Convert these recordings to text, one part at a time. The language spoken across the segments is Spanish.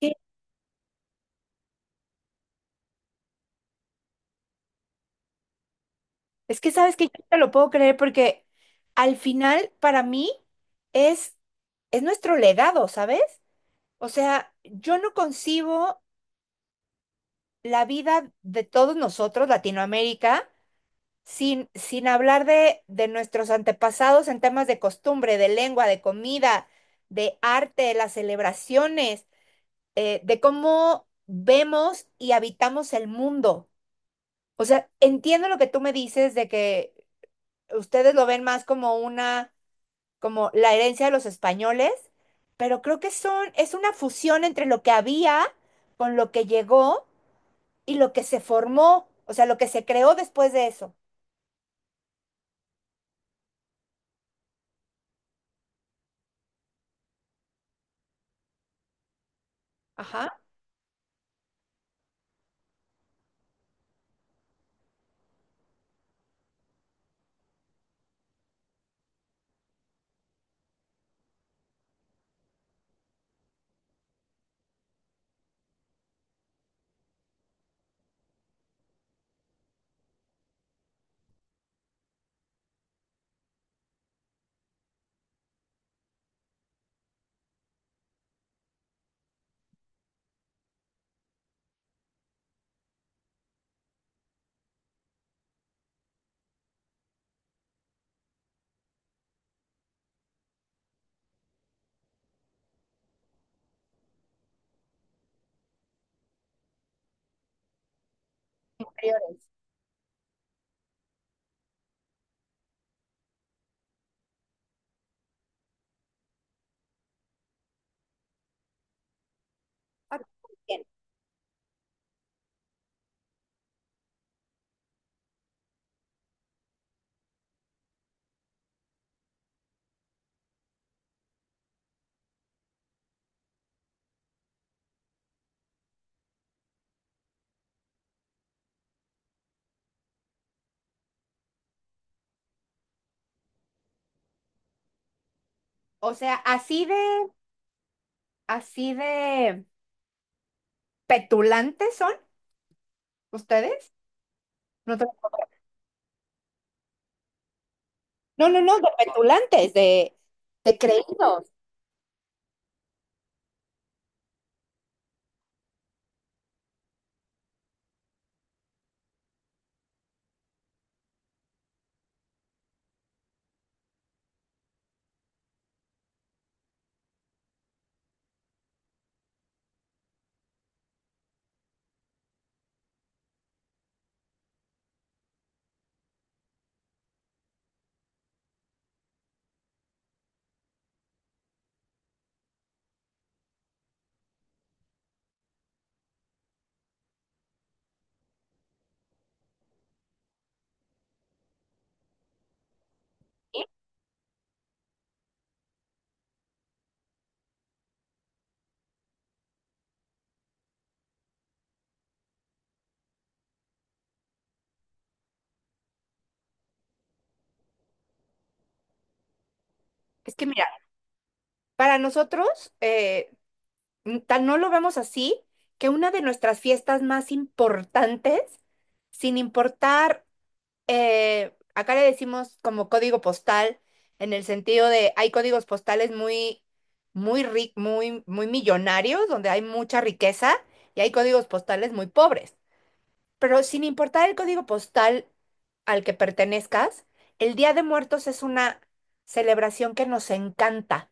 Sí, es que sabes que yo no te lo puedo creer porque al final para mí es, es nuestro legado, ¿sabes? O sea, yo no concibo la vida de todos nosotros, Latinoamérica, sin hablar de nuestros antepasados en temas de costumbre, de lengua, de comida, de arte, de las celebraciones, de cómo vemos y habitamos el mundo. O sea, entiendo lo que tú me dices de que ustedes lo ven más como una como la herencia de los españoles, pero creo que son, es una fusión entre lo que había con lo que llegó y lo que se formó, o sea, lo que se creó después de eso. Ajá. Anteriores. Ah, bien. O sea, así de petulantes son ustedes. No te- No, no, no, de petulantes, de creídos. Es que mira, para nosotros, tan no lo vemos así que una de nuestras fiestas más importantes, sin importar, acá le decimos como código postal, en el sentido de hay códigos postales muy, muy millonarios, donde hay mucha riqueza, y hay códigos postales muy pobres. Pero sin importar el código postal al que pertenezcas, el Día de Muertos es una celebración que nos encanta,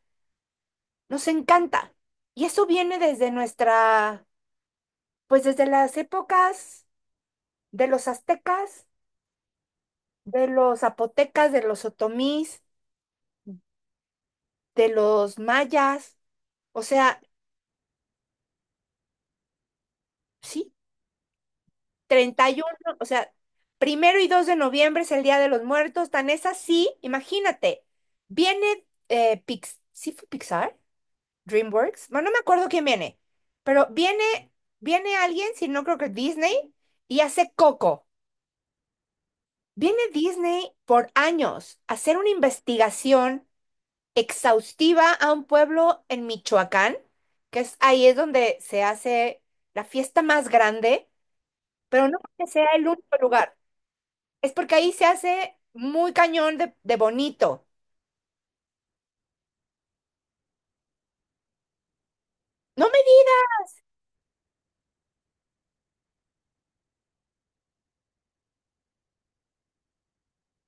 nos encanta. Y eso viene desde nuestra pues desde las épocas de los aztecas, de los zapotecas, de los otomís, de los mayas, o sea, sí, 31, o sea, 1 y 2 de noviembre es el Día de los Muertos, tan es así, imagínate, viene ¿sí fue Pixar? DreamWorks, bueno, no me acuerdo quién viene, pero viene, alguien, si no creo que Disney, y hace Coco. Viene Disney por años a hacer una investigación exhaustiva a un pueblo en Michoacán, que es ahí es donde se hace la fiesta más grande, pero no porque sea el único lugar, es porque ahí se hace muy cañón de bonito. No me digas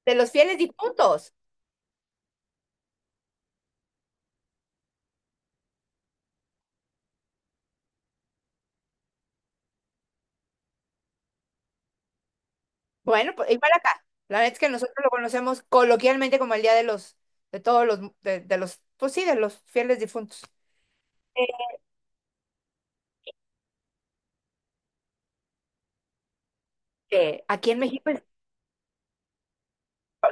de los fieles difuntos. Bueno, pues igual acá. La verdad es que nosotros lo conocemos coloquialmente como el día de los, de todos los, de los, pues sí, de los fieles difuntos. Aquí en México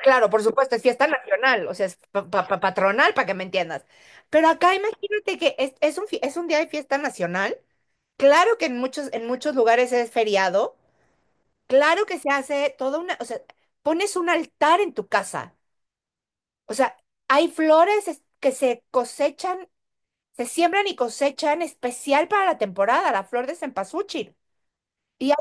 claro, por supuesto, es fiesta nacional, o sea, es patronal para que me entiendas. Pero acá imagínate que es un, es un día de fiesta nacional. Claro que en muchos lugares es feriado. Claro que se hace toda una, o sea, pones un altar en tu casa. O sea, hay flores que se cosechan, se siembran y cosechan especial para la temporada, la flor de cempasúchil. Y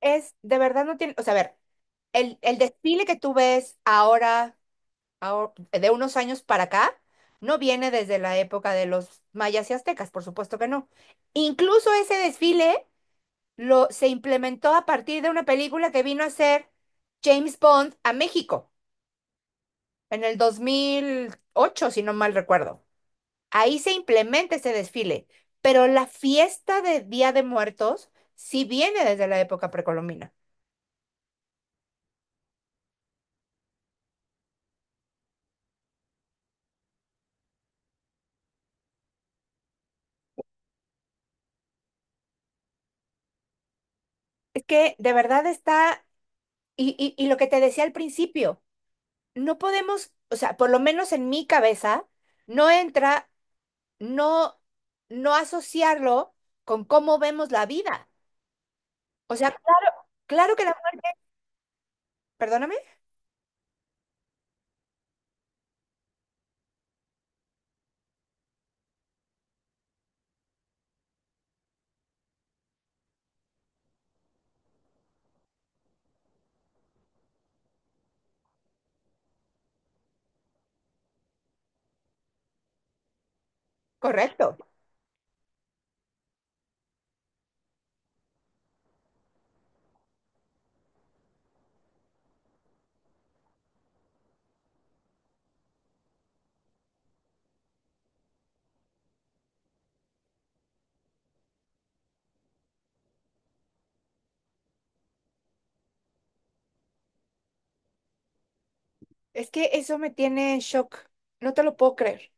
de verdad no tiene, o sea, a ver, el desfile que tú ves ahora. De unos años para acá, no viene desde la época de los mayas y aztecas, por supuesto que no. Incluso ese desfile se implementó a partir de una película que vino a hacer James Bond a México en el 2008, si no mal recuerdo. Ahí se implementa ese desfile, pero la fiesta de Día de Muertos sí viene desde la época precolombina. Es que de verdad está, y lo que te decía al principio. No podemos, o sea, por lo menos en mi cabeza, no entra, no, no asociarlo con cómo vemos la vida. O sea, claro, claro que la muerte, perdóname, correcto. Es que eso me tiene en shock. No te lo puedo creer.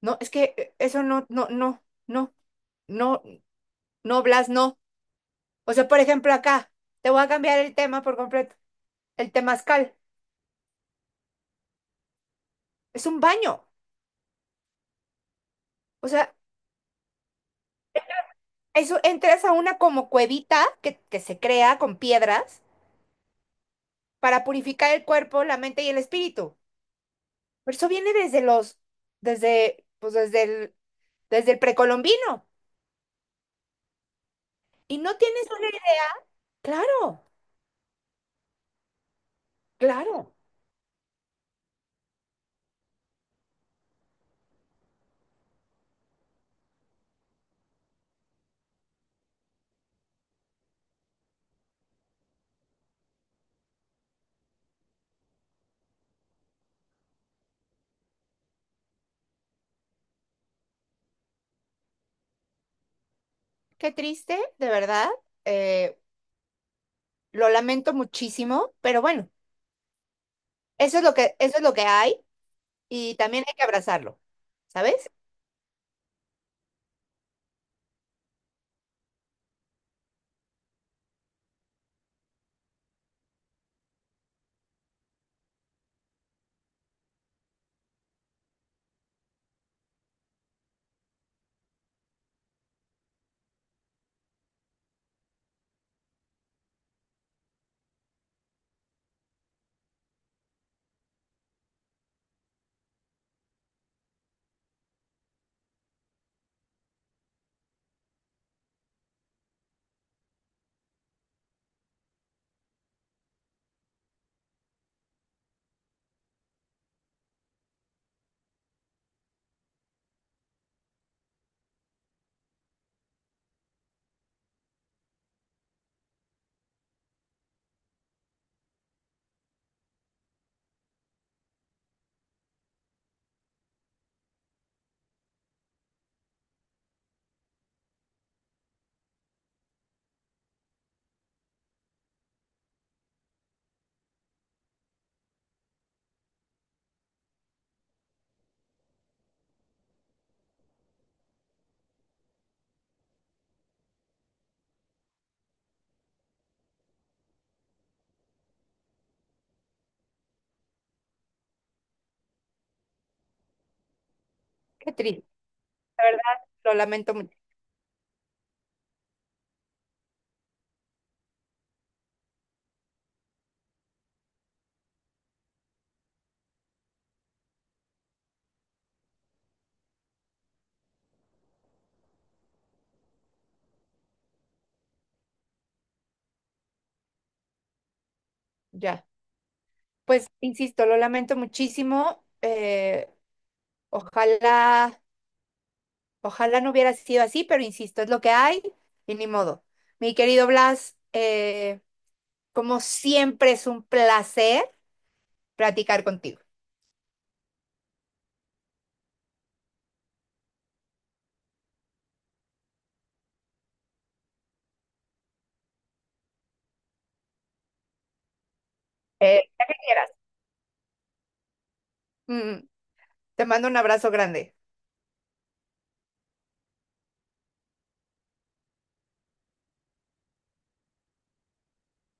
No, es que eso no, no, no, no, no, no, Blas, no. O sea, por ejemplo, acá, te voy a cambiar el tema por completo. El temazcal es un baño. O sea, eso entras a una como cuevita que se crea con piedras para purificar el cuerpo, la mente y el espíritu. Pero eso viene desde los, desde, pues desde el, precolombino. Y no tienes una idea. Claro, claro. Qué triste, de verdad. Eh, lo lamento muchísimo, pero bueno, eso es lo que, eso es lo que hay y también hay que abrazarlo, ¿sabes? Qué triste, de verdad, lo lamento mucho. Ya, pues insisto, lo lamento muchísimo. Ojalá Ojalá no hubiera sido así, pero insisto, es lo que hay y ni modo. Mi querido Blas, como siempre es un placer platicar contigo. Ya que quieras. Mm, Te mando un abrazo grande.